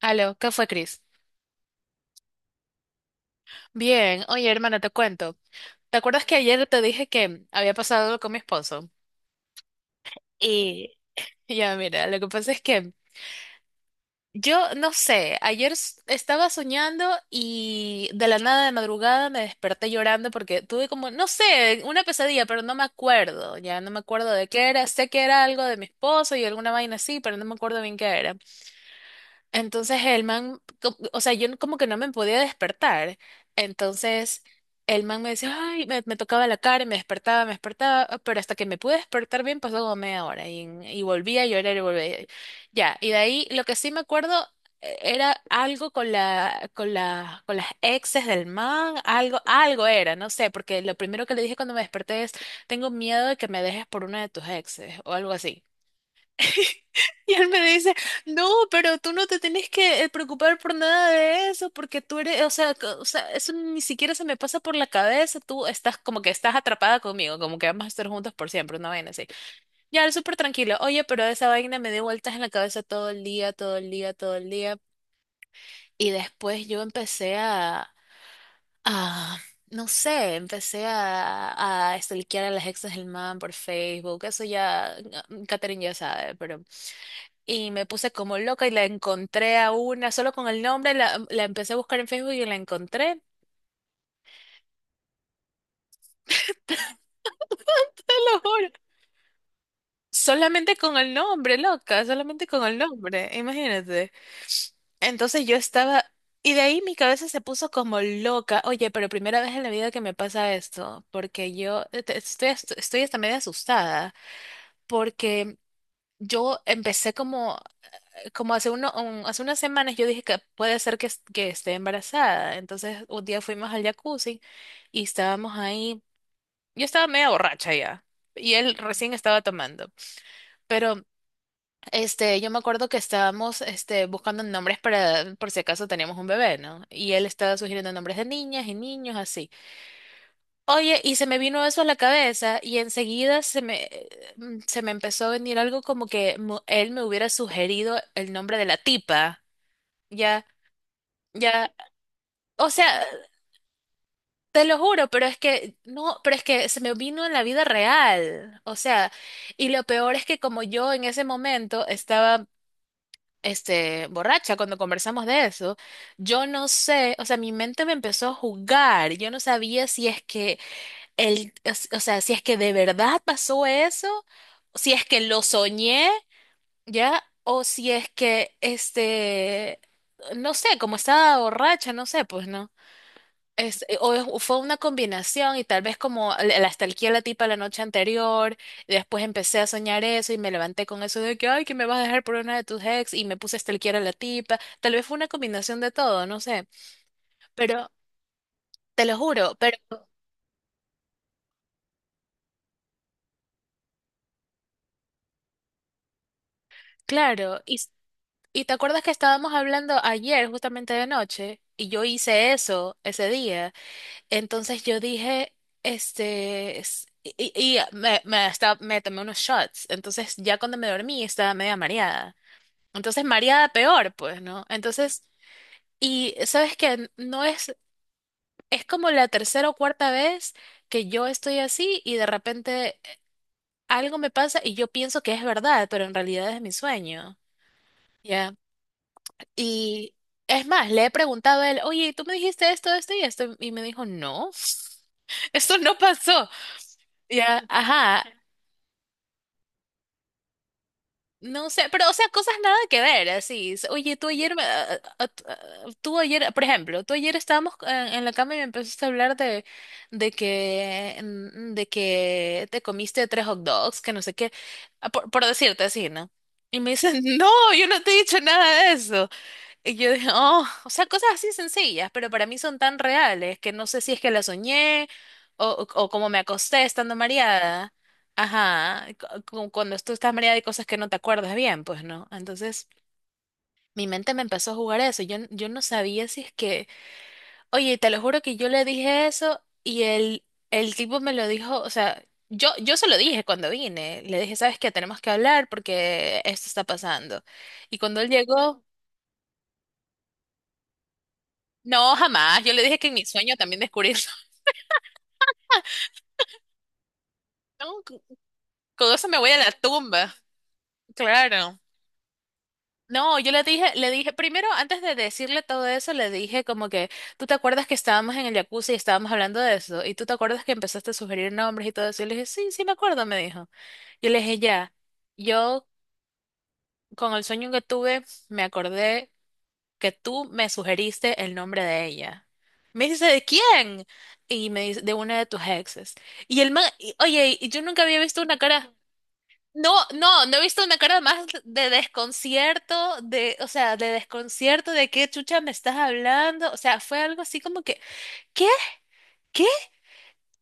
Aló, ¿qué fue, Chris? Bien, oye, hermana, te cuento. ¿Te acuerdas que ayer te dije que había pasado algo con mi esposo? Y ya, mira, lo que pasa es que yo no sé, ayer estaba soñando y de la nada de madrugada me desperté llorando porque tuve como, no sé, una pesadilla, pero no me acuerdo, ya no me acuerdo de qué era. Sé que era algo de mi esposo y alguna vaina así, pero no me acuerdo bien qué era. Entonces el man, o sea, yo como que no me podía despertar. Entonces el man me decía, ay, me tocaba la cara y me despertaba, ah, pero hasta que me pude despertar bien pasó como media hora y volvía a llorar y volvía. Ya, y de ahí lo que sí me acuerdo era algo con la, con la, con las exes del man, algo, algo era, no sé, porque lo primero que le dije cuando me desperté es, tengo miedo de que me dejes por una de tus exes o algo así. Y él me dice, no, pero tú no te tenés que preocupar por nada de eso, porque tú eres, o sea, o sea, eso ni siquiera se me pasa por la cabeza, tú estás como que estás atrapada conmigo, como que vamos a estar juntos por siempre, una vaina así. Ya, él súper tranquilo, oye, pero esa vaina me dio vueltas en la cabeza todo el día, todo el día, todo el día. Y después yo a, no sé, a stalkear a las exes del man por Facebook, eso ya, Catherine ya sabe, pero y me puse como loca y la encontré a una, solo con el nombre, la empecé a buscar en Facebook y la encontré, te lo juro. Solamente con el nombre, loca, solamente con el nombre, imagínate. Entonces yo estaba, y de ahí mi cabeza se puso como loca. Oye, pero primera vez en la vida que me pasa esto, porque yo estoy, estoy hasta medio asustada, porque yo empecé como hace hace unas semanas yo dije que puede ser que, que esté embarazada. Entonces un día fuimos al jacuzzi y estábamos ahí. Yo estaba media borracha ya y él recién estaba tomando. Pero este, yo me acuerdo que estábamos este, buscando nombres para por si acaso teníamos un bebé, ¿no? Y él estaba sugiriendo nombres de niñas y niños así. Oye, y se me vino eso a la cabeza y enseguida se me, se me empezó a venir algo como que él me hubiera sugerido el nombre de la tipa. Ya, ya, o sea, te lo juro, pero es que no, pero es que se me vino en la vida real. O sea, y lo peor es que como yo en ese momento estaba este borracha cuando conversamos de eso, yo no sé, o sea, mi mente me empezó a jugar. Yo no sabía si es que o sea, si es que de verdad pasó eso, si es que lo soñé, ¿ya? O si es que este, no sé, como estaba borracha, no sé, pues no. O fue una combinación y tal vez como la estalquía a la tipa la noche anterior, y después empecé a soñar eso y me levanté con eso de que, ay, que me vas a dejar por una de tus ex y me puse a stalkear a la tipa, tal vez fue una combinación de todo, no sé, pero te lo juro, pero claro, y te acuerdas que estábamos hablando ayer justamente de noche y yo hice eso ese día, entonces yo dije, este... y hasta, me tomé unos shots, entonces ya cuando me dormí estaba media mareada. Entonces mareada peor, pues, ¿no? Entonces, y sabes que no es, es como la tercera o cuarta vez que yo estoy así y de repente algo me pasa y yo pienso que es verdad, pero en realidad es mi sueño, ¿ya? Y es más, le he preguntado a él, oye, ¿tú me dijiste esto, esto y esto? Y me dijo, no, esto no pasó, ¿ya? Ajá, no sé, pero o sea, cosas nada que ver, así. Oye, tú ayer, me- a- tú ayer, por ejemplo, tú ayer estábamos en la cama y me empezaste a hablar de que, de que te comiste tres hot dogs, que no sé qué, ah, por decirte así, ¿no? Y me dicen, no, yo no te he dicho nada de eso. Y yo dije, oh, o sea, cosas así sencillas, pero para mí son tan reales que no sé si es que la soñé o como me acosté estando mareada. Ajá, cuando tú estás mareada hay cosas que no te acuerdas bien, pues no. Entonces, mi mente me empezó a jugar eso. Yo no sabía si es que, oye, te lo juro que yo le dije eso y el tipo me lo dijo, o sea, yo se lo dije cuando vine. Le dije, ¿sabes qué? Tenemos que hablar porque esto está pasando. Y cuando él llegó... No, jamás. Yo le dije que en mi sueño también descubrí eso. No, con eso me voy a la tumba. Claro. No, yo le dije, primero, antes de decirle todo eso, le dije como que, ¿tú te acuerdas que estábamos en el jacuzzi y estábamos hablando de eso? ¿Y tú te acuerdas que empezaste a sugerir nombres y todo eso? Y le dije, sí, sí me acuerdo, me dijo. Yo le dije, ya, yo con el sueño que tuve, me acordé que tú me sugeriste el nombre de ella. Me dice, ¿de quién? Y me dice, de una de tus exes. Y el man, oye, y yo nunca había visto una cara, no, no, no he visto una cara más de desconcierto, de, o sea, de desconcierto, de qué chucha me estás hablando. O sea, fue algo así como que, ¿qué? ¿Qué?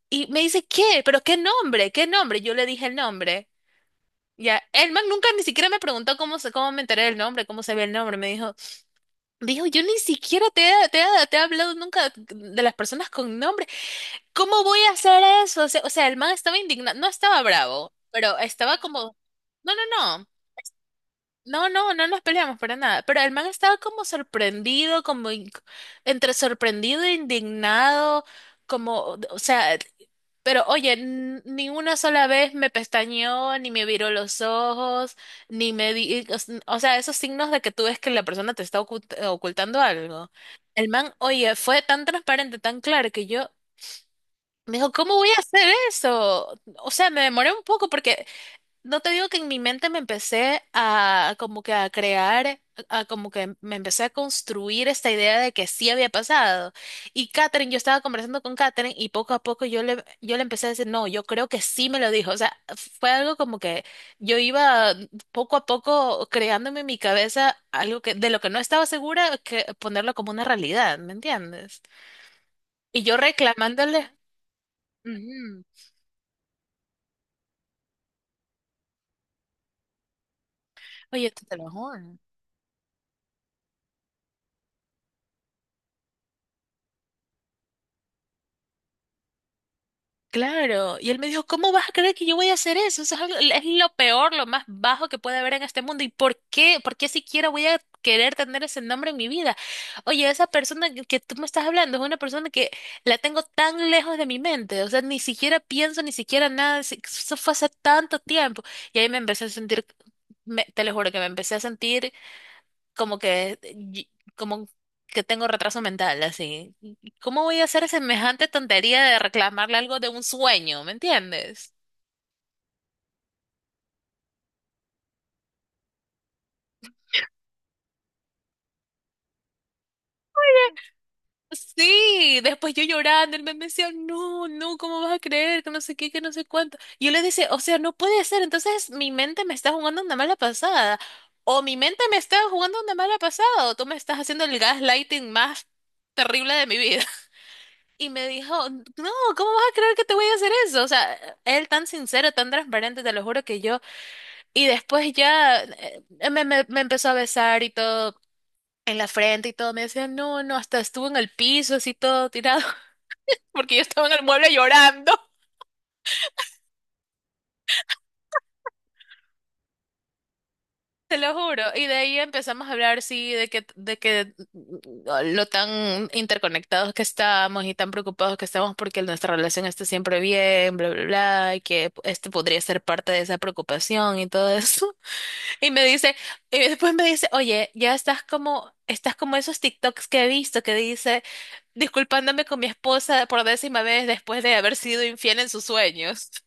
Y me dice, ¿qué? ¿Pero qué nombre? ¿Qué nombre? Yo le dije el nombre. Ya, el man nunca ni siquiera me preguntó cómo, cómo me enteré del nombre, cómo se ve el nombre. Me dijo, dijo, yo ni siquiera te he hablado nunca de las personas con nombre. ¿Cómo voy a hacer eso? O sea, el man estaba indignado, no estaba bravo, pero estaba como, no, no, no. No, no, no nos peleamos para nada. Pero el man estaba como sorprendido, entre sorprendido e indignado, como, o sea, pero oye, ni una sola vez me pestañeó, ni me viró los ojos, ni me di, o s- o sea, esos signos de que tú ves que la persona te está ocultando algo. El man, oye, fue tan transparente, tan claro que yo me dijo, ¿cómo voy a hacer eso? O sea, me demoré un poco porque no te digo que en mi mente me empecé a como que a crear, a, como que me empecé a construir esta idea de que sí había pasado. Y Katherine, yo estaba conversando con Katherine y poco a poco yo le empecé a decir, no, yo creo que sí me lo dijo. O sea, fue algo como que yo iba poco a poco creándome en mi cabeza algo que de lo que no estaba segura, que ponerlo como una realidad, ¿me entiendes? Y yo reclamándole, "Ujú, oye, esto te lo juro. Claro, y él me dijo, ¿cómo vas a creer que yo voy a hacer eso? Eso es, es lo peor, lo más bajo que puede haber en este mundo. ¿Y por qué? ¿Por qué siquiera voy a querer tener ese nombre en mi vida? Oye, esa persona que tú me estás hablando es una persona que la tengo tan lejos de mi mente, o sea, ni siquiera pienso, ni siquiera nada, eso fue hace tanto tiempo. Y ahí me empecé a sentir, te lo juro que me empecé a sentir como que, y- como que tengo retraso mental, así. ¿Cómo voy a hacer semejante tontería de reclamarle algo de un sueño? ¿Me entiendes? Sí, después yo llorando, él me decía, no, no, ¿cómo vas a creer? Que no sé qué, que no sé cuánto. Y yo le decía, o sea, no puede ser, entonces mi mente me está jugando una mala pasada, o mi mente me está jugando una mala pasada, o tú me estás haciendo el gaslighting más terrible de mi vida. Y me dijo, no, ¿cómo vas a creer que te voy a hacer eso? O sea, él tan sincero, tan transparente, te lo juro que yo. Y después ya me empezó a besar y todo en la frente y todo. Me decía, no, no, hasta estuvo en el piso así todo tirado, porque yo estaba en el mueble llorando. Te lo juro. Y de ahí empezamos a hablar, sí, de que, de que lo tan interconectados que estamos y tan preocupados que estamos porque nuestra relación esté siempre bien, bla, bla, bla, y que este podría ser parte de esa preocupación y todo eso. Y me dice, y después me dice, oye, ya estás como esos TikToks que he visto que dice, disculpándome con mi esposa por décima vez después de haber sido infiel en sus sueños.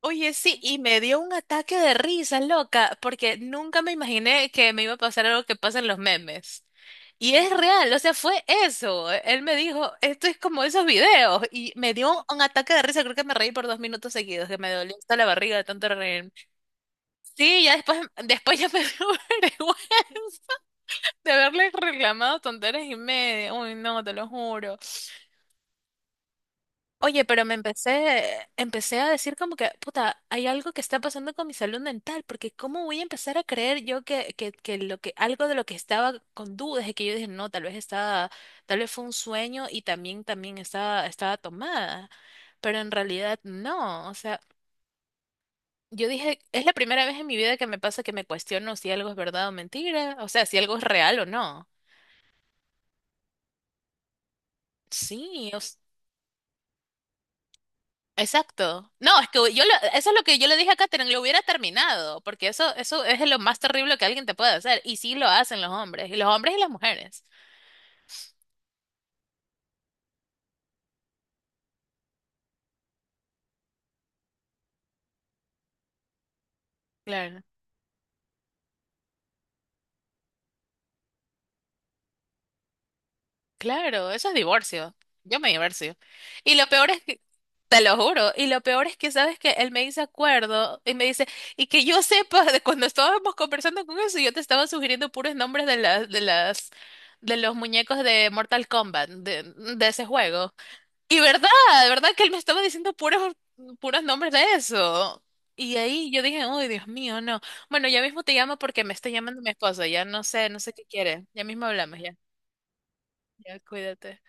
Oye, sí, y me dio un ataque de risa loca, porque nunca me imaginé que me iba a pasar algo que pasa en los memes. Y es real, o sea, fue eso. Él me dijo, esto es como esos videos. Y me dio un ataque de risa, creo que me reí por dos minutos seguidos, que me dolió hasta la barriga de tanto reírme. Sí, ya después, después ya me dio vergüenza de haberles reclamado tonteras y media. Uy, no, te lo juro. Oye, pero empecé a decir como que, puta, hay algo que está pasando con mi salud mental, porque ¿cómo voy a empezar a creer yo que lo que, algo de lo que estaba con dudas es que yo dije, no, tal vez estaba, tal vez fue un sueño y también, también estaba, estaba tomada. Pero en realidad no, o sea, yo dije, es la primera vez en mi vida que me pasa que me cuestiono si algo es verdad o mentira, o sea, si algo es real o no. Sí, exacto. No, es que eso es lo que yo le dije a Katherine, lo hubiera terminado, porque eso es lo más terrible que alguien te puede hacer, y sí lo hacen los hombres y las mujeres. Claro. Claro, eso es divorcio. Yo me divorcio. Y lo peor es que, te lo juro, y lo peor es que sabes que él me dice acuerdo y me dice, y que yo sepa de cuando estábamos conversando con eso, yo te estaba sugiriendo puros nombres de de los muñecos de Mortal Kombat, de ese juego. Y verdad, verdad que él me estaba diciendo puros, puros nombres de eso. Y ahí yo dije, uy, Dios mío, no. Bueno, ya mismo te llamo porque me está llamando mi esposo. Ya no sé, no sé qué quiere. Ya mismo hablamos, ya. Ya, cuídate.